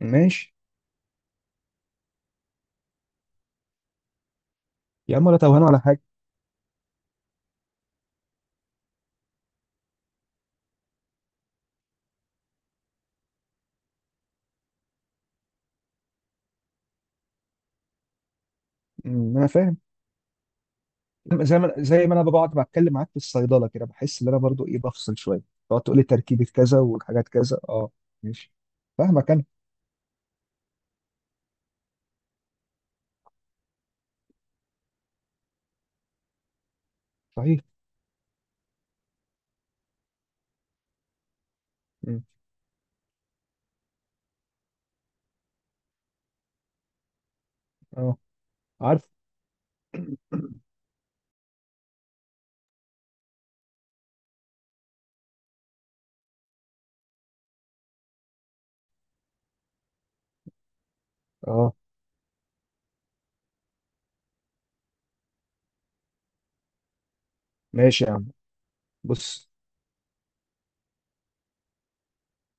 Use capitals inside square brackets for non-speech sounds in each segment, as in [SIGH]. ماشي يا عم، ولا توهان ولا حاجه. انا فاهم. زي ما انا بقعد بتكلم معاك في الصيدله كده بحس ان انا برضو ايه بفصل شويه. تقعد تقول لي تركيبه كذا والحاجات كذا، اه. ماشي، فاهمك انا. صحيح. أمم، اه، عارف. اه، ماشي يا عم. بص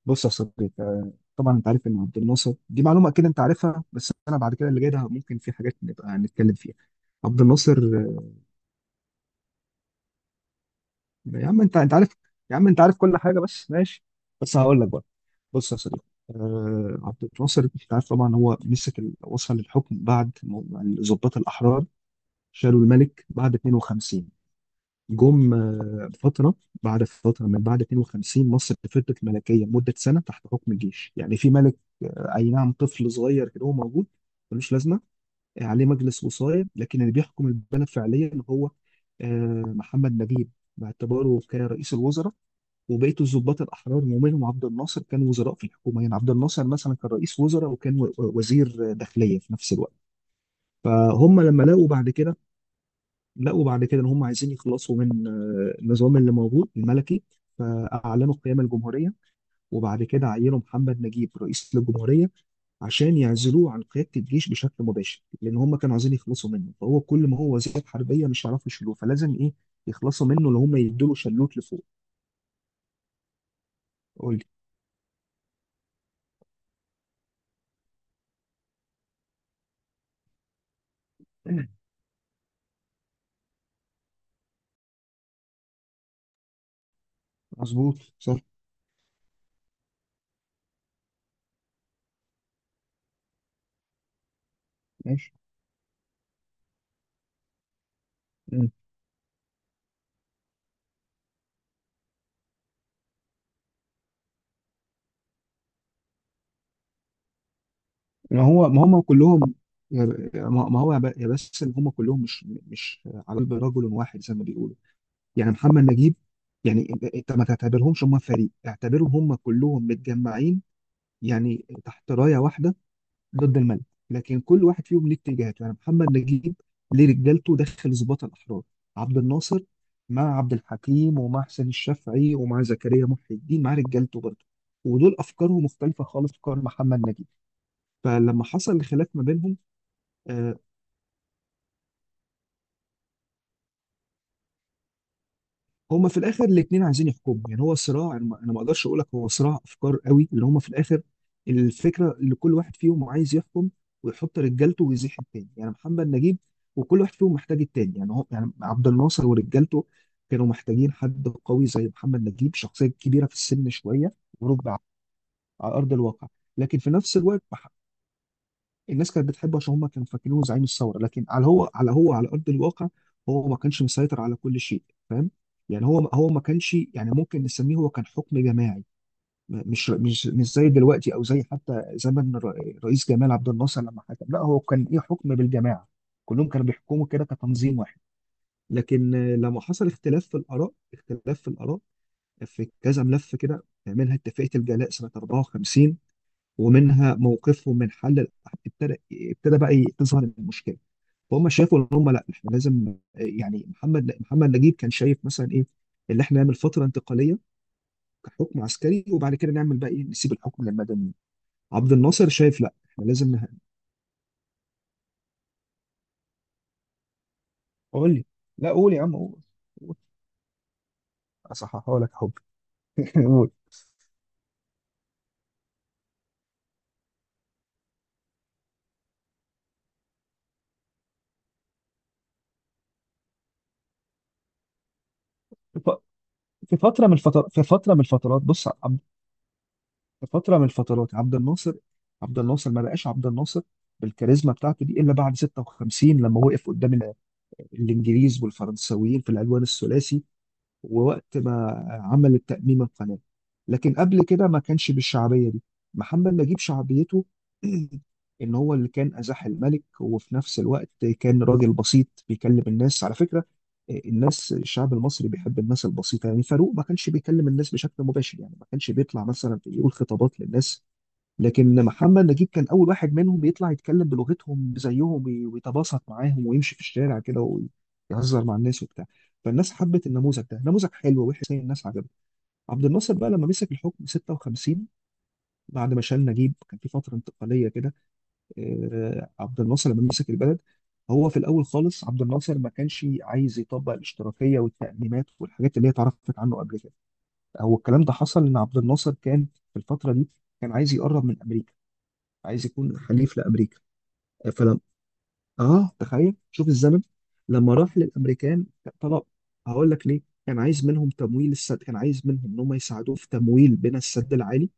بص يا صديقي، طبعا انت عارف ان عبد الناصر دي معلومه اكيد انت عارفها، بس انا بعد كده اللي جاي ده ممكن في حاجات نبقى نتكلم فيها. عبد الناصر، يا عم انت عارف. يا عم انت عارف كل حاجه، بس ماشي. بس هقول لك بقى. بص يا صديقي، عبد الناصر انت عارف طبعا هو مسك وصل للحكم بعد ما الضباط الاحرار شالوا الملك بعد 52. جم فتره. بعد فتره من بعد 52 مصر فضلت ملكيه مده سنه تحت حكم الجيش، يعني في ملك، اي نعم، طفل صغير كده هو موجود ملوش لازمه، عليه مجلس وصاية، لكن اللي بيحكم البلد فعليا هو محمد نجيب باعتباره كرئيس الوزراء. وبقية الضباط الأحرار ومنهم عبد الناصر كان وزراء في الحكومة، يعني عبد الناصر مثلا كان رئيس وزراء وكان وزير داخلية في نفس الوقت. فهم لما لقوا بعد كده، لقوا بعد كده إن هم عايزين يخلصوا من النظام اللي موجود الملكي، فأعلنوا قيام الجمهورية. وبعد كده عينوا محمد نجيب رئيس للجمهورية عشان يعزلوه عن قيادة الجيش بشكل مباشر، لأن هم كانوا عايزين يخلصوا منه، فهو كل ما هو وزير حربية مش هيعرفوا يشيلوه، فلازم إيه يخلصوا منه، اللي هم يدوا له شلوت لفوق. قول لي. مظبوط، صح. ماشي. مم. ما هو ما هم كلهم، ما هو يا بس ان هم كلهم مش مش على قلب رجل واحد زي ما بيقولوا. يعني محمد نجيب، يعني انت ما تعتبرهمش هم فريق، اعتبرهم هم كلهم متجمعين يعني تحت رايه واحده. ضد الملك. لكن كل واحد فيهم ليه اتجاهاته، يعني محمد نجيب ليه رجالته داخل ظباط الاحرار. عبد الناصر مع عبد الحكيم ومع حسين الشافعي ومع زكريا محي الدين مع رجالته برضه، ودول افكارهم مختلفه خالص عن افكار محمد نجيب. فلما حصل الخلاف ما بينهم، آه، هما في الاخر الاثنين عايزين يحكموا، يعني هو صراع، انا ما أنا ما اقدرش اقول لك هو صراع افكار قوي، اللي هما في الاخر الفكره اللي كل واحد فيهم عايز يحكم ويحط رجالته ويزيح التاني. يعني محمد نجيب وكل واحد فيهم محتاج التاني، يعني هو يعني عبد الناصر ورجالته كانوا محتاجين حد قوي زي محمد نجيب، شخصيه كبيره في السن شويه وربع على ارض الواقع. لكن في نفس الوقت، الناس كانت بتحبه عشان هم كانوا فاكرينه زعيم الثوره، لكن على هو على هو على ارض الواقع هو ما كانش مسيطر على كل شيء. فاهم؟ يعني هو ما كانش، يعني ممكن نسميه هو كان حكم جماعي، مش زي دلوقتي او زي حتى زمن رئيس جمال عبد الناصر لما حكم، لا هو كان ايه، حكم بالجماعه، كلهم كانوا بيحكموا كده كتنظيم واحد. لكن لما حصل اختلاف في الاراء، اختلاف في الاراء في كذا ملف كده، منها اتفاقيه الجلاء سنه 54، ومنها موقفهم من حل ابتدى، ابتدى بقى تظهر المشكله. فهم شافوا ان هم لا احنا لازم، يعني محمد نجيب كان شايف مثلا ايه اللي احنا نعمل فتره انتقاليه كحكم عسكري، وبعد كده نعمل بقى ايه، نسيب الحكم للمدنيين. عبد الناصر شايف لا احنا لازم قول لي. لا قول يا عم قول. قول. اصححها لك يا حبي. [LAUGHS] قول. في ف- في فتره من الفترات في فتره من الفترات بص. في فتره من الفترات عبد الناصر، عبد الناصر ما بقاش عبد الناصر بالكاريزما بتاعته دي الا بعد 56، لما وقف قدام الانجليز والفرنساويين في العدوان الثلاثي، ووقت ما عمل التأميم القناة. لكن قبل كده ما كانش بالشعبية دي. محمد نجيب شعبيته [CLEARS THROAT] إن هو اللي كان أزاح الملك، وفي نفس الوقت كان راجل بسيط بيكلم الناس على فكرة. الناس الشعب المصري بيحب الناس البسيطة، يعني فاروق ما كانش بيكلم الناس بشكل مباشر، يعني ما كانش بيطلع مثلا يقول خطابات للناس. لكن محمد نجيب كان اول واحد منهم يطلع يتكلم بلغتهم زيهم، ويتباسط معاهم ويمشي في الشارع كده ويهزر مع الناس وبتاع. فالناس حبت النموذج ده، نموذج حلو وحسين الناس عجبته. عبد الناصر بقى لما مسك الحكم 56، بعد ما شال نجيب كان في فتره انتقاليه كده. عبد الناصر لما مسك البلد، هو في الاول خالص عبد الناصر ما كانش عايز يطبق الاشتراكيه والتأميمات والحاجات اللي هي اتعرفت عنه قبل كده. هو الكلام ده حصل ان عبد الناصر كان في الفتره دي كان عايز يقرب من امريكا، عايز يكون حليف لامريكا. فلم، اه تخيل شوف الزمن. لما راح للامريكان طلب، هقول لك ليه، كان عايز منهم تمويل السد، كان عايز منهم ان هم يساعدوه في تمويل بناء السد العالي.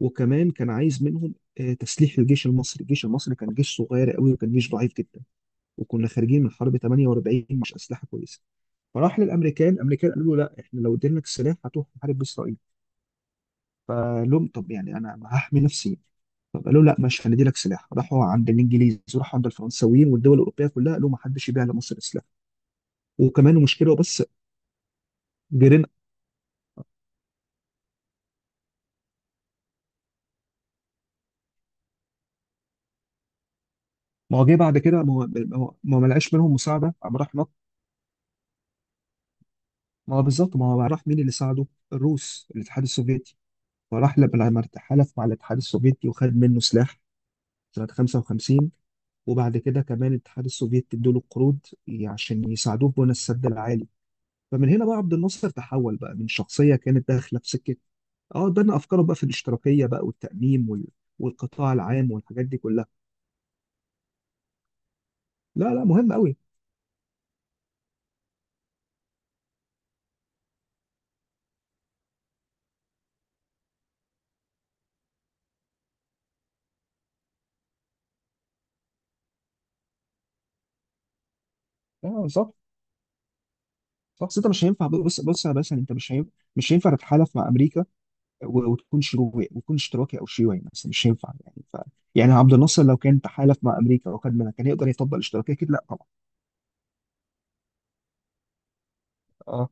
وكمان كان عايز منهم تسليح الجيش المصري. الجيش المصري كان جيش صغير قوي، وكان جيش ضعيف جدا، وكنا خارجين من حرب 48، مش اسلحه كويسه. فراح للامريكان، الامريكان قالوا له لا احنا لو ادينا لك سلاح هتروح تحارب باسرائيل. فلهم طب يعني انا هحمي نفسي. طب قالوا لا ماشي هندي لك سلاح. راحوا عند الانجليز وراحوا عند الفرنساويين والدول الاوروبيه كلها، قالوا ما حدش يبيع لمصر سلاح. وكمان مشكله بس جيران. ما هو جه بعد كده، ما هو ما لقاش منهم مساعده، قام راح نط. ما هو بالظبط، ما هو راح مين اللي ساعده؟ الروس، الاتحاد السوفيتي. فراح لما حلف مع الاتحاد السوفيتي وخد منه سلاح سنه 55. وبعد كده كمان الاتحاد السوفيتي ادوا له قروض عشان يساعدوه في بنى السد العالي. فمن هنا بقى عبد الناصر تحول بقى من شخصيه كانت داخله في سكه. اه، ده انا افكاره بقى في الاشتراكيه بقى والتأميم والقطاع العام والحاجات دي كلها. لا مهم قوي. لا صح. صح، بس انت مش هينفع، بص يا باشا، انت مش هينفع، مش هينفع تتحالف مع امريكا وتكون شيوعي، وتكون اشتراكي او شيوعي مثلا، مش هينفع يعني يعني عبد الناصر لو كان تحالف مع امريكا وكان منها كان يقدر يطبق الاشتراكيه؟ اكيد لا طبعا. اه.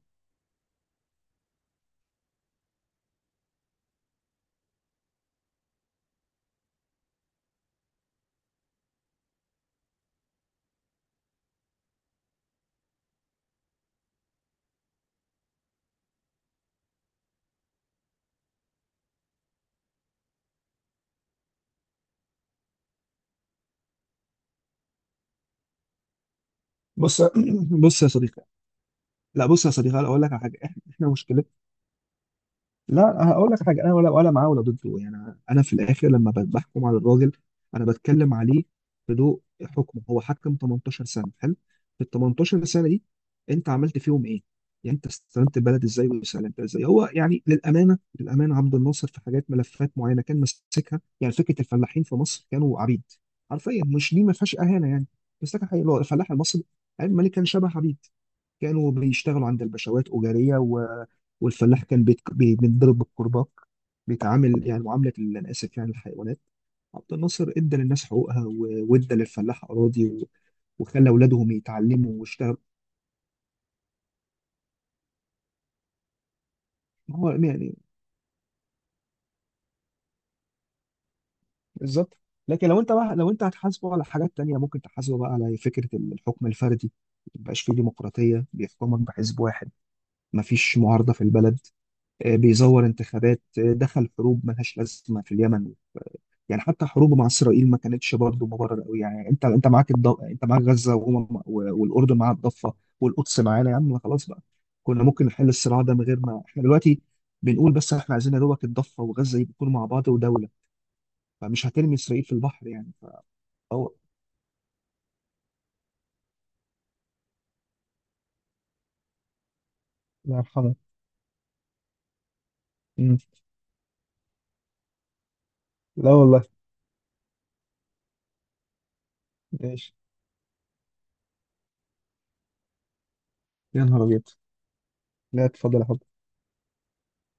بص. [CLEARS THROAT] بص يا صديقي. لا بص يا صديقي، انا اقول لك على حاجه، احنا إحنا مشكلتنا، لا هقول لك حاجه، انا ولا معاه ولا ضده، يعني أنا في الاخر لما بحكم على الراجل، انا بتكلم عليه بضوء حكمه. هو حكم 18 سنه، حلو، في ال 18 سنه دي انت عملت فيهم ايه؟ يعني انت استلمت البلد ازاي وسلمتها ازاي؟ هو يعني للامانه، للامانه عبد الناصر في حاجات ملفات معينه كان ماسكها، يعني فكره الفلاحين في مصر كانوا عبيد، حرفيا، مش دي ما فيهاش اهانه يعني، بس لكن الفلاح المصري عيب الملك كان شبه عبيد، كانوا بيشتغلوا عند الباشوات أجارية، والفلاح كان بيتضرب بالكرباج، بيتعامل يعني معاملة أنا آسف يعني الحيوانات. عبد الناصر ادى للناس حقوقها، وادى للفلاح أراضي وخلى أولادهم يتعلموا واشتغلوا. ما هو يعني بالظبط. لكن لو انت بقى، لو انت هتحاسبه على حاجات تانية ممكن تحاسبه بقى على فكرة الحكم الفردي، ما يبقاش فيه ديمقراطية، بيحكمك بحزب واحد، ما فيش معارضة في البلد، بيزور انتخابات، دخل حروب ملهاش لازمة في اليمن. يعني حتى حروبه مع اسرائيل ما كانتش برضه مبرر قوي، يعني انت معاك انت معاك غزه وهم والاردن معاها الضفه والقدس معانا، يا عم ما خلاص بقى. كنا ممكن نحل الصراع ده من غير ما احنا دلوقتي بنقول بس احنا عايزين يا دوبك الضفه وغزه يكونوا مع بعض ودوله، فمش هترمي اسرائيل في البحر يعني. فهو الله يرحمه. مم. لا والله. ماشي. يا نهار ابيض. لا اتفضل يا حبيبي.